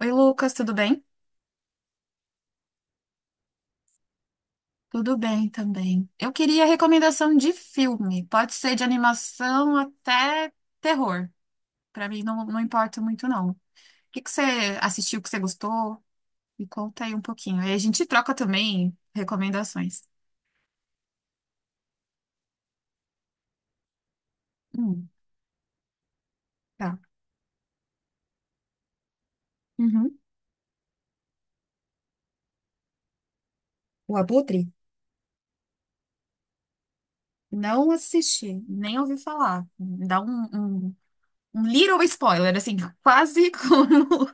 Oi, Lucas, tudo bem? Tudo bem também. Eu queria recomendação de filme. Pode ser de animação até terror. Pra mim não, não importa muito, não. O que que você assistiu que você gostou? Me conta aí um pouquinho. Aí a gente troca também recomendações. Hum, tá. Uhum. O Abutre? Não assisti, nem ouvi falar. Dá um little spoiler, assim, quase como.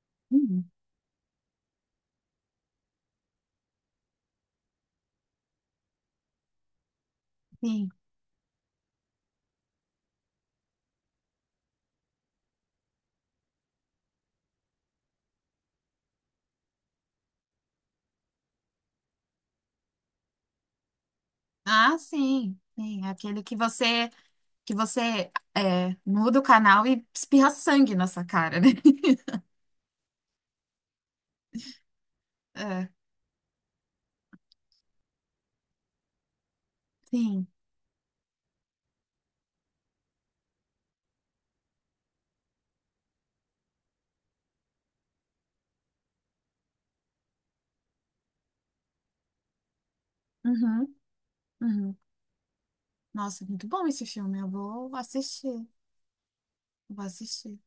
Hum. Sim. Ah, sim. Sim, aquele que você muda o canal e espirra sangue na sua cara, né? É, sim. Uhum, uhum. Nossa, muito bom esse filme. Eu vou assistir. Vou assistir.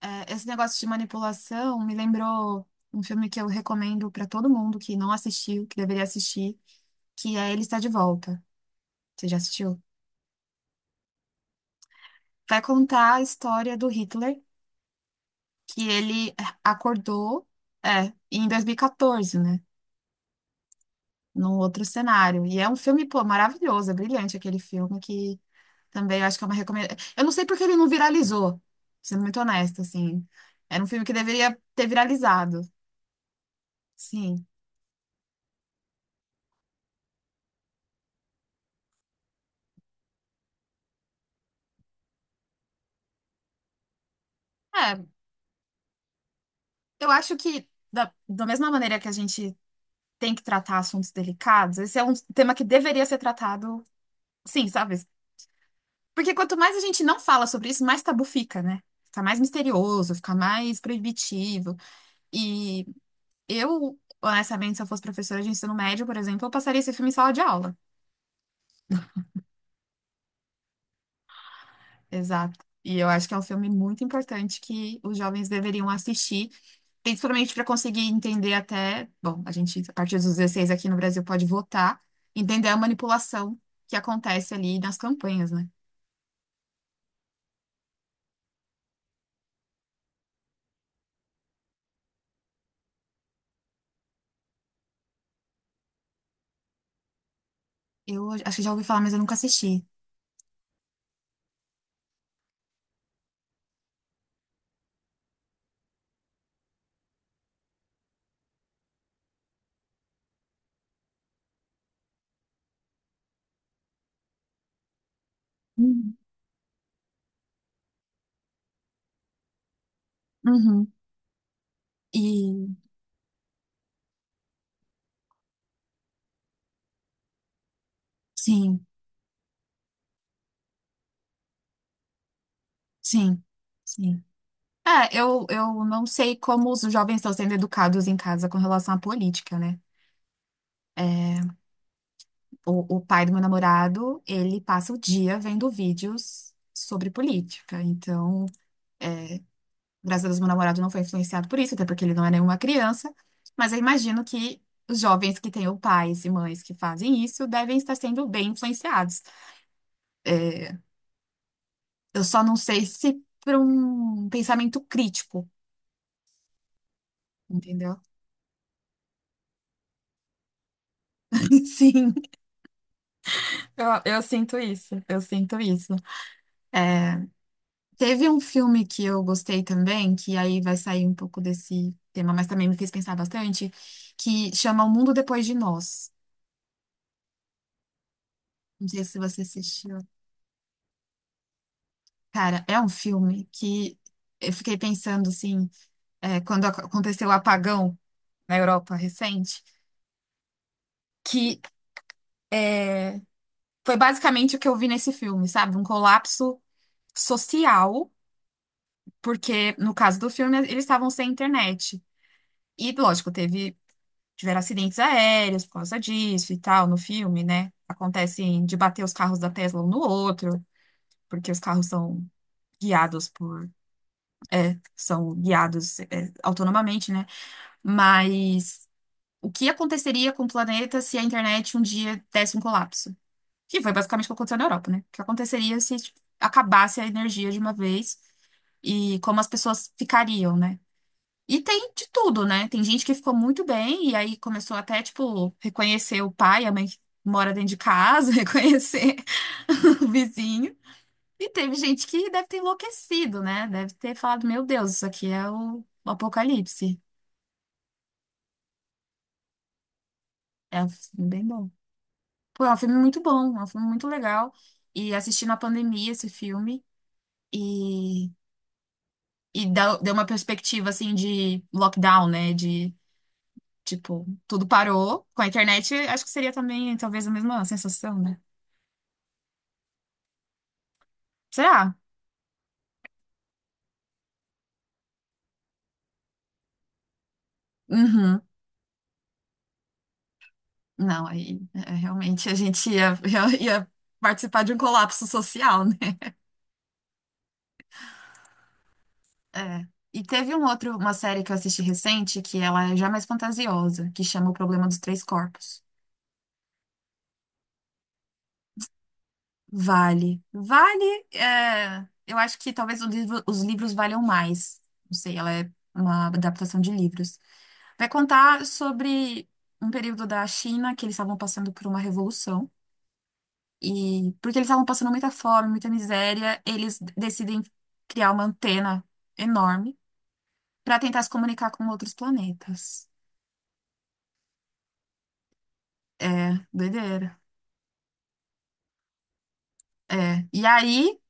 É, esse negócio de manipulação me lembrou um filme que eu recomendo pra todo mundo que não assistiu, que deveria assistir, que é Ele Está de Volta. Você já assistiu? Vai contar a história do Hitler, que ele acordou, em 2014, né? Num outro cenário. E é um filme, pô, maravilhoso, é brilhante aquele filme que também eu acho que é uma recomendação. Eu não sei porque ele não viralizou, sendo muito honesta, assim. Era um filme que deveria ter viralizado, sim. É, eu acho que da mesma maneira que a gente tem que tratar assuntos delicados, esse é um tema que deveria ser tratado, sim, sabe? Porque quanto mais a gente não fala sobre isso, mais tabu fica, né? Fica mais misterioso, fica mais proibitivo. E eu, honestamente, se eu fosse professora de ensino médio, por exemplo, eu passaria esse filme em sala de aula. Exato. E eu acho que é um filme muito importante que os jovens deveriam assistir, principalmente para conseguir entender até, bom, a gente, a partir dos 16 aqui no Brasil, pode votar, entender a manipulação que acontece ali nas campanhas, né? Eu acho que já ouvi falar, mas eu nunca assisti. Uhum. Uhum. E sim, sim, sim. É, eu não sei como os jovens estão sendo educados em casa com relação à política, né? É, o pai do meu namorado, ele passa o dia vendo vídeos sobre política. Então, graças a Deus, meu namorado não foi influenciado por isso, até porque ele não é nenhuma criança. Mas eu imagino que os jovens que têm o pais e mães que fazem isso devem estar sendo bem influenciados. É, eu só não sei se para um pensamento crítico, entendeu? Sim, eu, eu sinto isso, eu sinto isso. Teve um filme que eu gostei também, que aí vai sair um pouco desse tema, mas também me fez pensar bastante, que chama O Mundo Depois de Nós. Não sei se você assistiu. Cara, é um filme que eu fiquei pensando, assim, quando aconteceu o apagão na Europa recente, que é, foi basicamente o que eu vi nesse filme, sabe? Um colapso social, porque no caso do filme eles estavam sem internet. E, lógico, teve tiveram acidentes aéreos por causa disso e tal, no filme, né? Acontecem de bater os carros da Tesla um no outro, porque os carros são guiados por, são guiados, autonomamente, né? Mas o que aconteceria com o planeta se a internet um dia desse um colapso? Que foi basicamente o que aconteceu na Europa, né? O que aconteceria se, tipo, acabasse a energia de uma vez e como as pessoas ficariam, né? E tem de tudo, né? Tem gente que ficou muito bem e aí começou até, tipo, reconhecer o pai, a mãe que mora dentro de casa, reconhecer o vizinho. E teve gente que deve ter enlouquecido, né? Deve ter falado, meu Deus, isso aqui é o Apocalipse. É um filme bem bom. Pô, é um filme muito bom, é um filme muito legal. E assisti na pandemia esse filme e, deu uma perspectiva, assim, de lockdown, né? De tipo, tudo parou. Com a internet, acho que seria também talvez a mesma sensação, né? Será? Uhum. Não, aí é, realmente a gente ia, ia, participar de um colapso social, né? É. E teve um outro, uma série que eu assisti recente, que ela é já mais fantasiosa, que chama O Problema dos Três Corpos. Vale. Vale, é, eu acho que talvez os livros valham mais. Não sei, ela é uma adaptação de livros. Vai contar sobre um período da China que eles estavam passando por uma revolução. E porque eles estavam passando muita fome, muita miséria, eles decidem criar uma antena enorme para tentar se comunicar com outros planetas. É, doideira. É. E aí,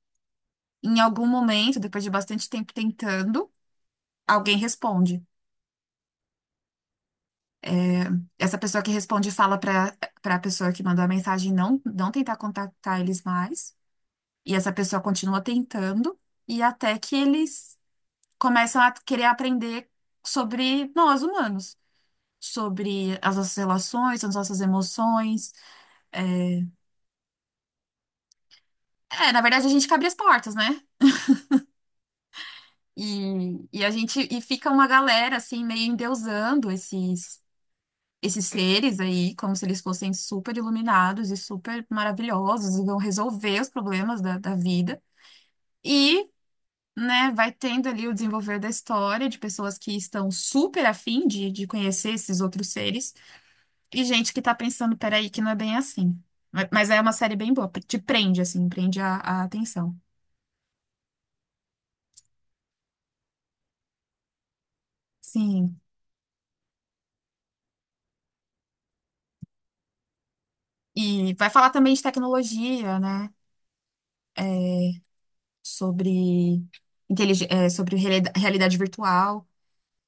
em algum momento, depois de bastante tempo tentando, alguém responde. É, essa pessoa que responde fala para a pessoa que mandou a mensagem não, não tentar contactar eles mais. E essa pessoa continua tentando, e até que eles começam a querer aprender sobre nós humanos, sobre as nossas relações, as nossas emoções. É, na verdade, a gente que abre as portas, né? E a gente e fica uma galera assim, meio endeusando esses seres aí, como se eles fossem super iluminados e super maravilhosos e vão resolver os problemas da vida. E, né, vai tendo ali o desenvolver da história de pessoas que estão super afim de conhecer esses outros seres e gente que tá pensando, peraí, que não é bem assim. Mas é uma série bem boa, te prende, assim, prende a atenção. Sim. E vai falar também de tecnologia, né? Sobre, sobre realidade virtual.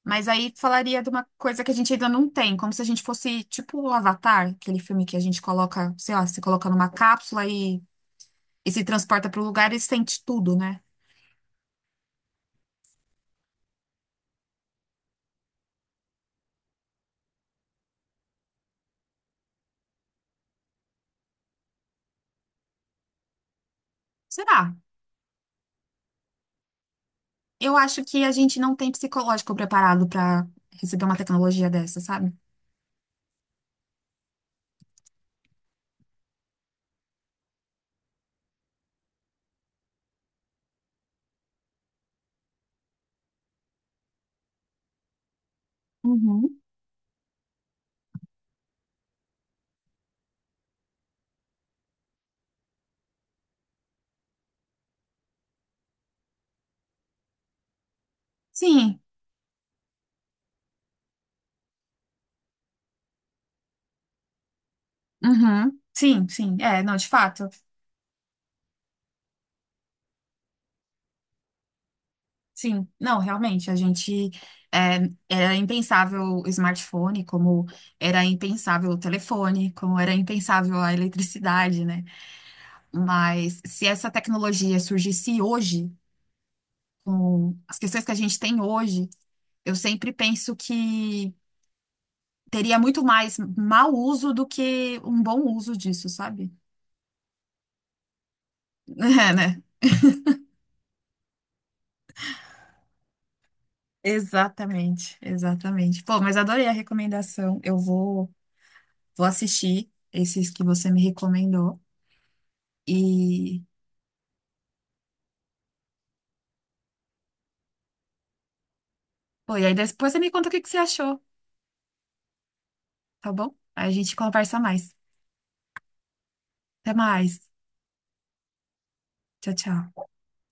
Mas aí falaria de uma coisa que a gente ainda não tem, como se a gente fosse tipo o Avatar, aquele filme que a gente coloca, sei lá, se coloca numa cápsula e se transporta para o lugar e sente tudo, né? Será? Eu acho que a gente não tem psicológico preparado para receber uma tecnologia dessa, sabe? Uhum. Sim, uhum, sim, sim, é, não, de fato, sim, não, realmente, a gente, é, era impensável o smartphone, como era impensável o telefone, como era impensável a eletricidade, né? Mas se essa tecnologia surgisse hoje, com as questões que a gente tem hoje, eu sempre penso que teria muito mais mau uso do que um bom uso disso, sabe? É, né? Exatamente, exatamente. Pô, mas adorei a recomendação. Eu vou assistir esses que você me recomendou. E, pô, e aí depois você me conta o que que você achou, tá bom? Aí a gente conversa mais. Até mais. Tchau, tchau.